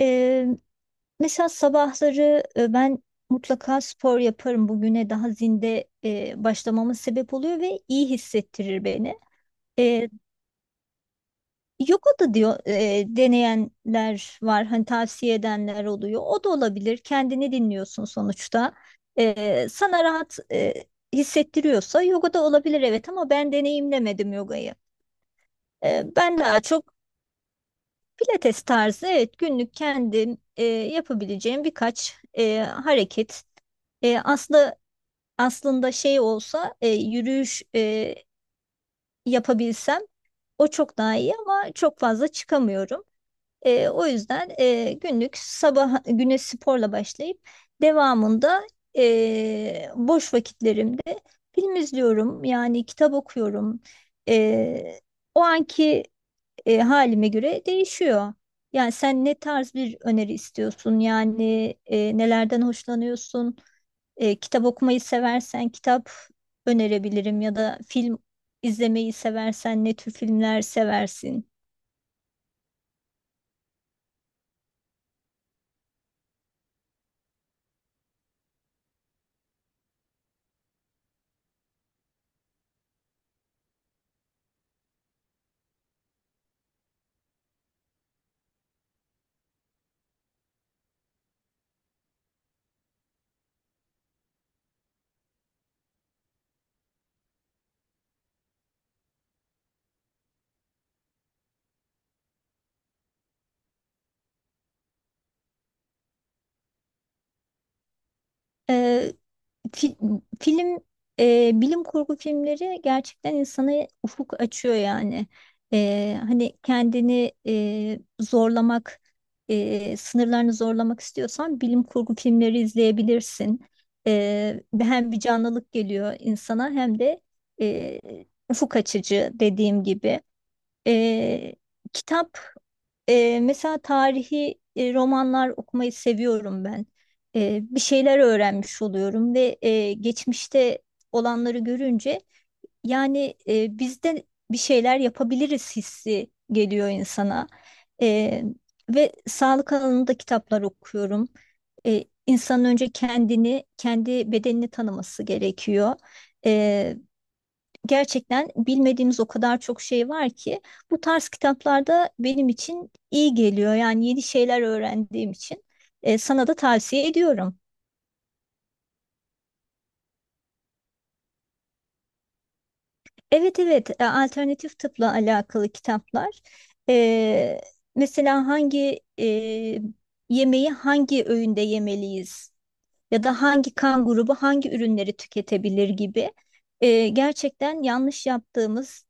Ee, mesela sabahları ben mutlaka spor yaparım. Bugüne daha zinde başlamamın sebep oluyor ve iyi hissettirir beni. Ee, yoga da diyor deneyenler var, hani tavsiye edenler oluyor. O da olabilir. Kendini dinliyorsun sonuçta. Sana rahat hissettiriyorsa yoga da olabilir, evet, ama ben deneyimlemedim yogayı. Ben daha çok Pilates tarzı, evet, günlük kendim yapabileceğim birkaç hareket. E, aslı aslında şey olsa yürüyüş yapabilsem o çok daha iyi ama çok fazla çıkamıyorum. O yüzden günlük sabah güne sporla başlayıp devamında boş vakitlerimde film izliyorum yani kitap okuyorum. E, o anki halime göre değişiyor. Yani sen ne tarz bir öneri istiyorsun? Yani nelerden hoşlanıyorsun? Kitap okumayı seversen kitap önerebilirim ya da film izlemeyi seversen ne tür filmler seversin? E, Fi- film bilim kurgu filmleri gerçekten insana ufuk açıyor yani. Hani kendini zorlamak, sınırlarını zorlamak istiyorsan bilim kurgu filmleri izleyebilirsin. Hem bir canlılık geliyor insana hem de e, ufuk açıcı dediğim gibi. Ee, kitap, mesela tarihi romanlar okumayı seviyorum ben. Bir şeyler öğrenmiş oluyorum ve geçmişte olanları görünce yani biz de bir şeyler yapabiliriz hissi geliyor insana. Ee, ve sağlık alanında kitaplar okuyorum. İnsanın önce kendini, kendi bedenini tanıması gerekiyor. Gerçekten bilmediğimiz o kadar çok şey var ki bu tarz kitaplarda benim için iyi geliyor. Yani yeni şeyler öğrendiğim için sana da tavsiye ediyorum. Evet, evet, alternatif tıpla alakalı kitaplar. E, mesela hangi yemeği hangi öğünde yemeliyiz ya da hangi kan grubu hangi ürünleri tüketebilir gibi. Gerçekten yanlış yaptığımız,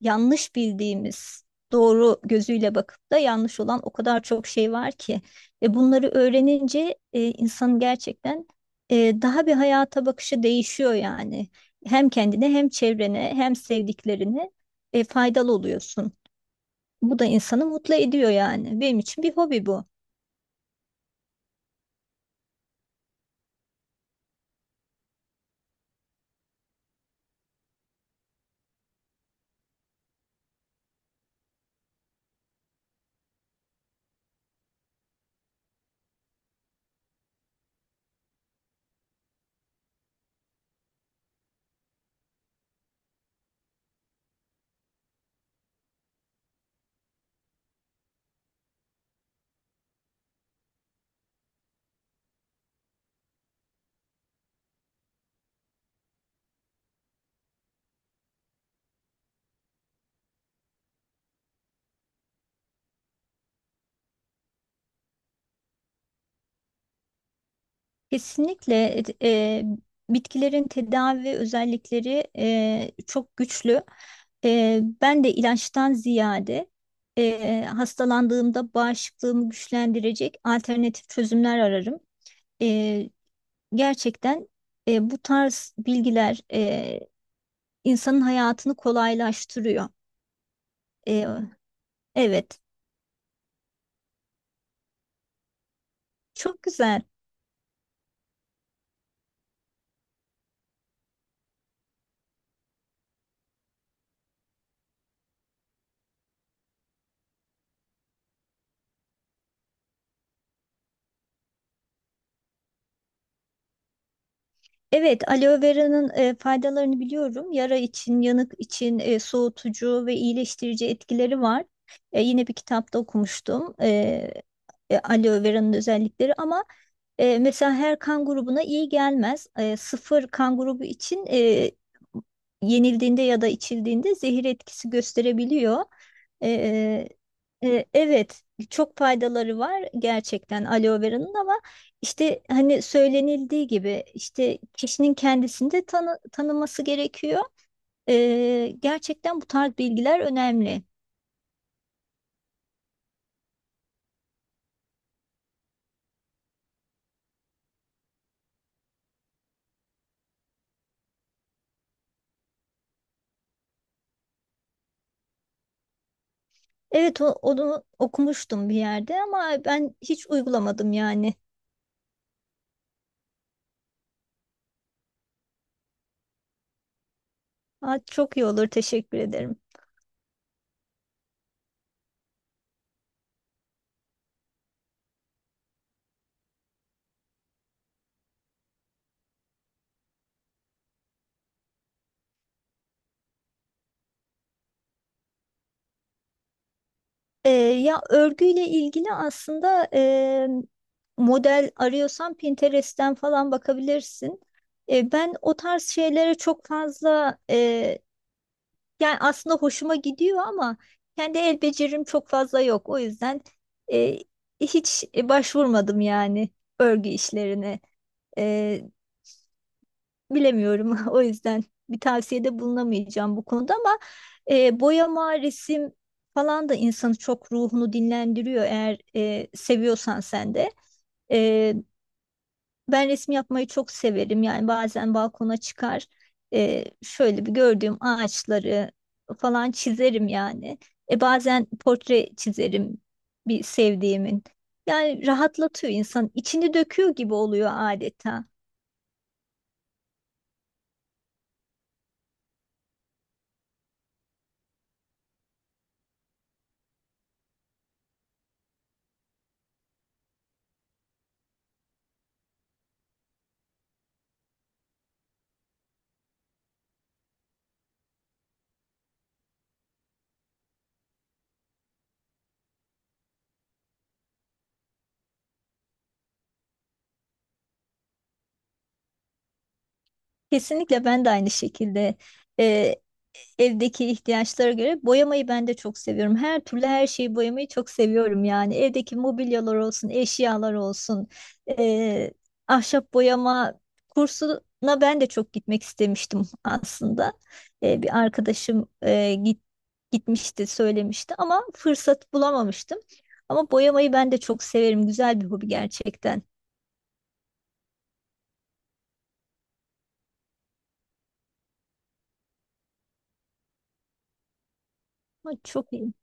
yanlış bildiğimiz, doğru gözüyle bakıp da yanlış olan o kadar çok şey var ki ve bunları öğrenince insanın gerçekten daha bir hayata bakışı değişiyor yani. Hem kendine hem çevrene hem sevdiklerine faydalı oluyorsun. Bu da insanı mutlu ediyor yani. Benim için bir hobi bu. Kesinlikle bitkilerin tedavi özellikleri çok güçlü. Ben de ilaçtan ziyade hastalandığımda bağışıklığımı güçlendirecek alternatif çözümler ararım. E, gerçekten bu tarz bilgiler insanın hayatını kolaylaştırıyor. E, evet, çok güzel. Evet, aloe vera'nın faydalarını biliyorum. Yara için, yanık için soğutucu ve iyileştirici etkileri var. Yine bir kitapta okumuştum aloe vera'nın özellikleri ama mesela her kan grubuna iyi gelmez. Sıfır kan grubu için yenildiğinde ya da içildiğinde zehir etkisi gösterebiliyor. E, evet, çok faydaları var gerçekten aloe vera'nın ama işte hani söylenildiği gibi işte kişinin kendisinde tanıması gerekiyor. Gerçekten bu tarz bilgiler önemli. Evet, onu okumuştum bir yerde ama ben hiç uygulamadım yani. Aa, çok iyi olur. Teşekkür ederim. Ya örgüyle ilgili aslında model arıyorsan Pinterest'ten falan bakabilirsin. Ben o tarz şeylere çok fazla yani aslında hoşuma gidiyor ama kendi el becerim çok fazla yok. O yüzden e, hiç başvurmadım yani örgü işlerine. E, bilemiyorum. O yüzden bir tavsiyede bulunamayacağım bu konuda ama boyama, resim falan da insanı çok ruhunu dinlendiriyor eğer seviyorsan sen de. E, ben resim yapmayı çok severim. Yani bazen balkona çıkar, şöyle bir gördüğüm ağaçları falan çizerim yani. Bazen portre çizerim bir sevdiğimin. Yani rahatlatıyor insan, içini döküyor gibi oluyor adeta. Kesinlikle ben de aynı şekilde. e, Evdeki ihtiyaçlara göre boyamayı ben de çok seviyorum. Her türlü her şeyi boyamayı çok seviyorum yani. Evdeki mobilyalar olsun, eşyalar olsun, eee, ahşap boyama kursuna ben de çok gitmek istemiştim aslında. Bir arkadaşım gitmişti, söylemişti ama fırsat bulamamıştım. Ama boyamayı ben de çok severim. Güzel bir hobi gerçekten. Ama çok iyi.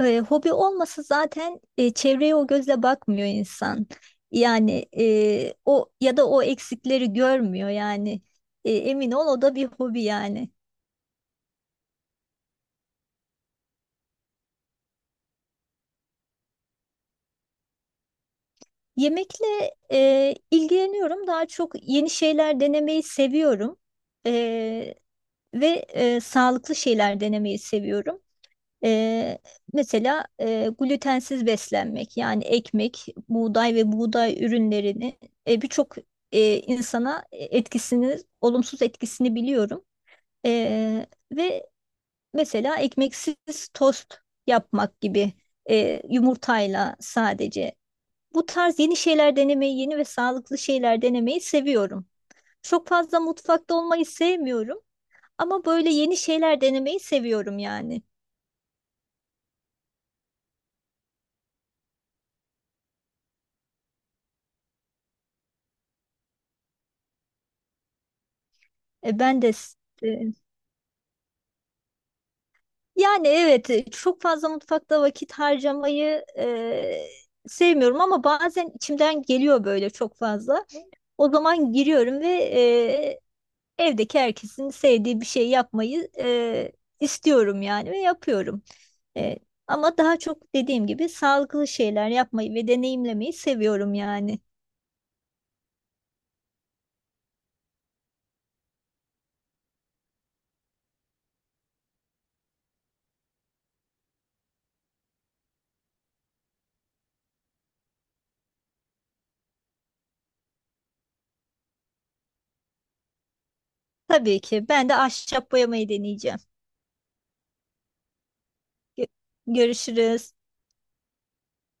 Hobi olmasa zaten çevreye o gözle bakmıyor insan. Yani o ya da o eksikleri görmüyor yani. Emin ol o da bir hobi yani. Yemekle ilgileniyorum. Daha çok yeni şeyler denemeyi seviyorum. E, ve sağlıklı şeyler denemeyi seviyorum. Ee, mesela glutensiz beslenmek yani ekmek, buğday ve buğday ürünlerini birçok insana etkisini, olumsuz etkisini biliyorum. Ee, ve mesela ekmeksiz tost yapmak gibi, yumurtayla sadece. Bu tarz yeni şeyler denemeyi, yeni ve sağlıklı şeyler denemeyi seviyorum. Çok fazla mutfakta olmayı sevmiyorum ama böyle yeni şeyler denemeyi seviyorum yani. Ben de e, Yani evet çok fazla mutfakta vakit harcamayı sevmiyorum ama bazen içimden geliyor böyle çok fazla. O zaman giriyorum ve evdeki herkesin sevdiği bir şey yapmayı istiyorum yani ve yapıyorum. E, ama daha çok dediğim gibi sağlıklı şeyler yapmayı ve deneyimlemeyi seviyorum yani. Tabii ki ben de ahşap boyamayı deneyeceğim. Gö- Görüşürüz.